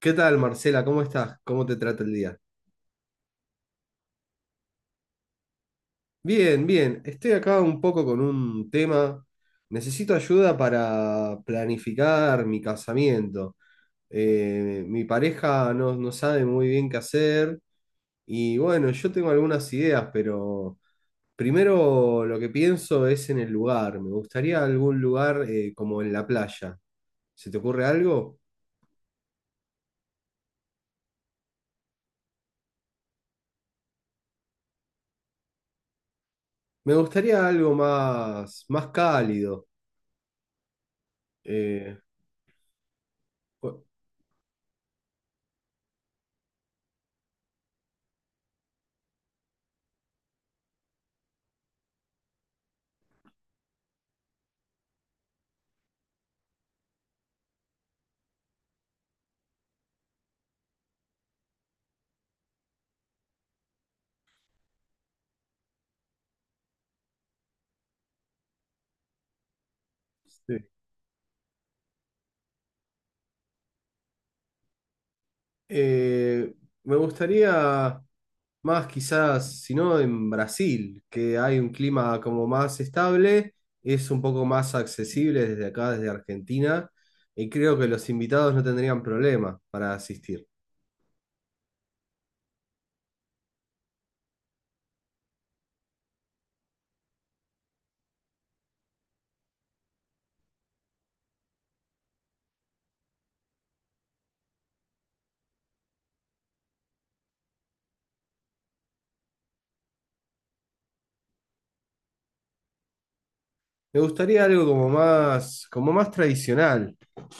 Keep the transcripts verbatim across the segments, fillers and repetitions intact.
¿Qué tal, Marcela? ¿Cómo estás? ¿Cómo te trata el día? Bien, bien. Estoy acá un poco con un tema. Necesito ayuda para planificar mi casamiento. Eh, mi pareja no, no sabe muy bien qué hacer y bueno, yo tengo algunas ideas, pero primero lo que pienso es en el lugar. Me gustaría algún lugar eh, como en la playa. ¿Se te ocurre algo? Me gustaría algo más, más cálido. eh, bu- sí. Eh, Me gustaría más quizás, si no, en Brasil, que hay un clima como más estable, es un poco más accesible desde acá, desde Argentina, y creo que los invitados no tendrían problema para asistir. Me gustaría algo como más, como más tradicional.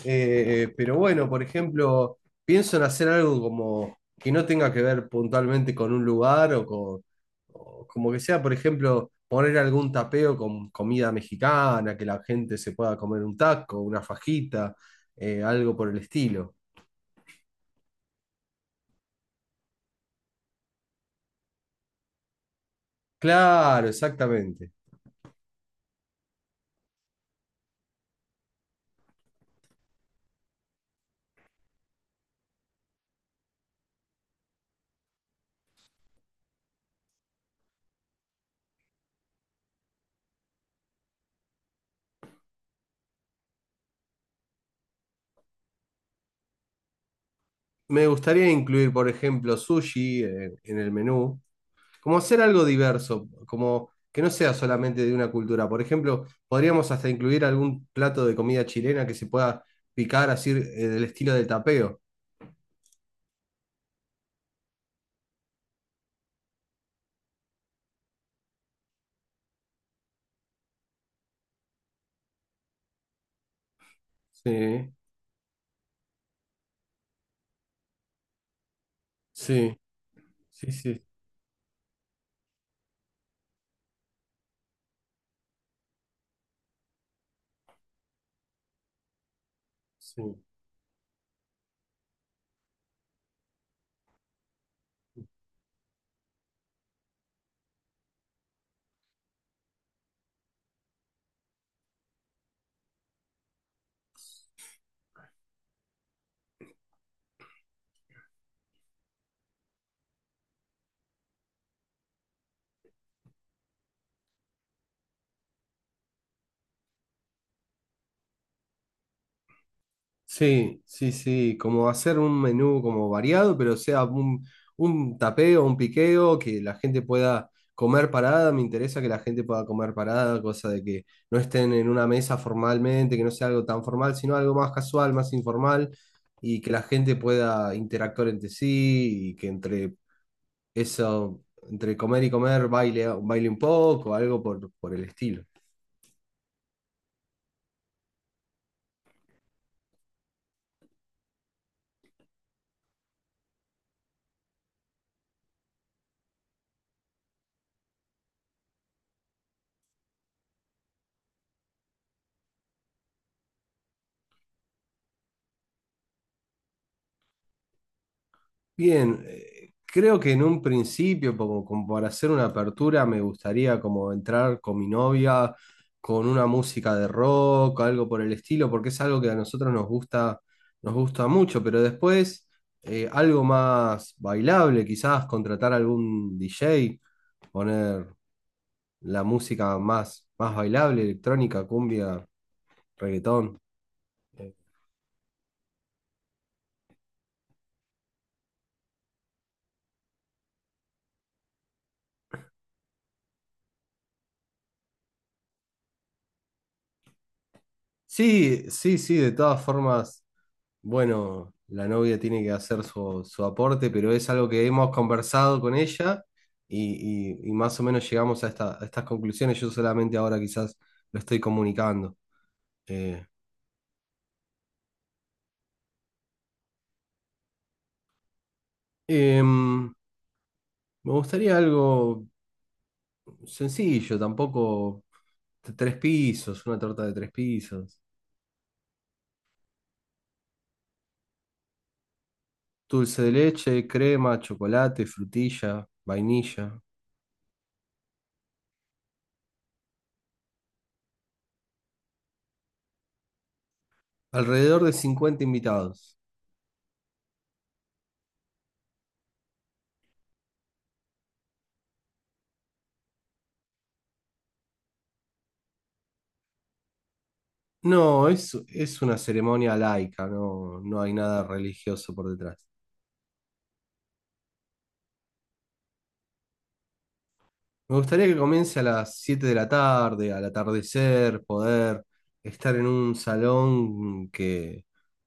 Eh, eh, pero bueno, por ejemplo, pienso en hacer algo como que no tenga que ver puntualmente con un lugar o con, o como que sea, por ejemplo, poner algún tapeo con comida mexicana, que la gente se pueda comer un taco, una fajita, eh, algo por el estilo. Claro, exactamente. Me gustaría incluir, por ejemplo, sushi eh, en el menú, como hacer algo diverso, como que no sea solamente de una cultura. Por ejemplo, podríamos hasta incluir algún plato de comida chilena que se pueda picar así, eh, del estilo del tapeo. Sí, sí, sí, sí, sí. Sí, sí, sí, como hacer un menú como variado, pero sea un, un tapeo, un piqueo, que la gente pueda comer parada, me interesa que la gente pueda comer parada, cosa de que no estén en una mesa formalmente, que no sea algo tan formal, sino algo más casual, más informal, y que la gente pueda interactuar entre sí, y que entre eso, entre comer y comer baile, baile un poco, algo por, por el estilo. Bien, eh, creo que en un principio, como, como para hacer una apertura, me gustaría como entrar con mi novia, con una música de rock, algo por el estilo, porque es algo que a nosotros nos gusta, nos gusta mucho, pero después eh, algo más bailable, quizás contratar algún D J, poner la música más, más bailable, electrónica, cumbia, reggaetón. Eh, Sí, sí, sí, de todas formas. Bueno, la novia tiene que hacer su, su aporte, pero es algo que hemos conversado con ella y, y- y más o menos llegamos a, esta- a estas conclusiones. Yo solamente ahora quizás lo estoy comunicando. Eh, em, Me gustaría algo sencillo, tampoco t- tres pisos, una torta de tres pisos. Dulce de leche, crema, chocolate, frutilla, vainilla. Alrededor de cincuenta invitados. No, es, es una ceremonia laica, no, no hay nada religioso por detrás. Me gustaría que comience a las siete de la tarde, al atardecer, poder estar en un salón que,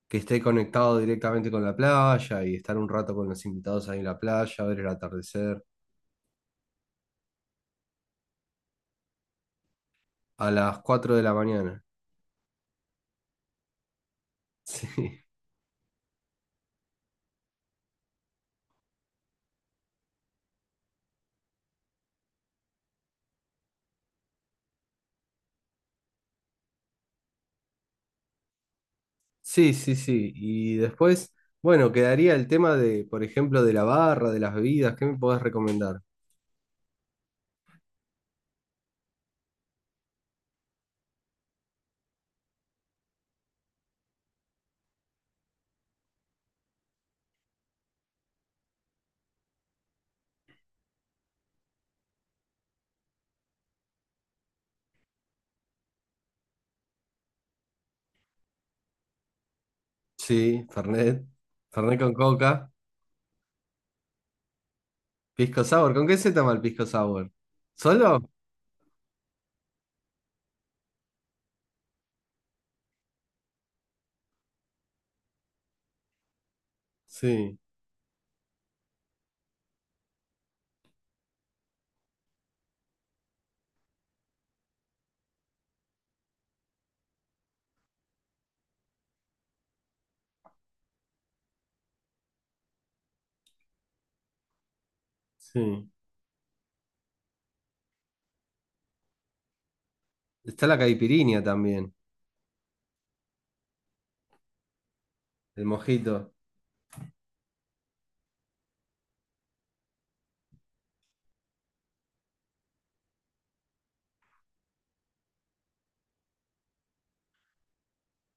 que esté conectado directamente con la playa y estar un rato con los invitados ahí en la playa, ver el atardecer a las cuatro de la mañana. Sí, sí, sí, sí. Y después, bueno, quedaría el tema de, por ejemplo, de la barra, de las bebidas. ¿Qué me podés recomendar? Sí, Fernet. Fernet con coca. Pisco sour. ¿Con qué se toma el pisco sour? ¿Solo? Sí, sí. Está la caipirinha también, el mojito.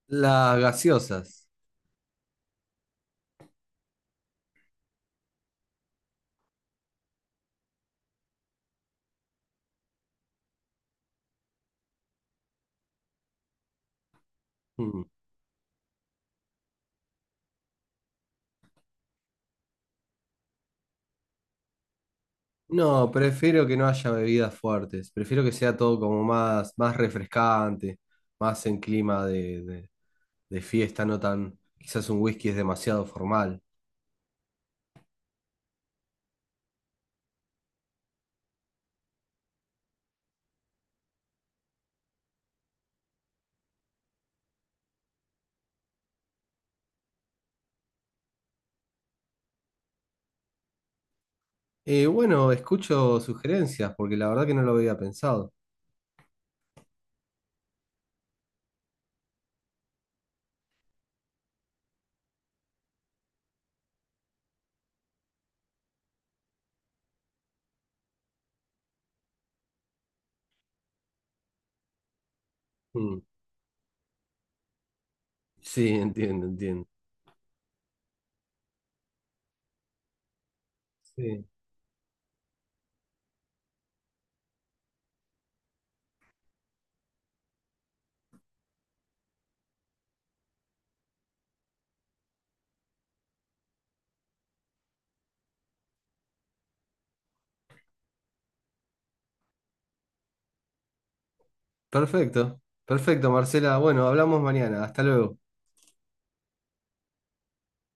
Las gaseosas. Mm. No, prefiero que no haya bebidas fuertes. Prefiero que sea todo como más, más refrescante, más en clima de, de- de fiesta, no tan. Quizás un whisky es demasiado formal. Eh, bueno, escucho sugerencias porque la verdad que no lo había pensado. Mm. Sí, entiendo, entiendo. Sí. Perfecto, perfecto, Marcela. Bueno, hablamos mañana. Hasta luego.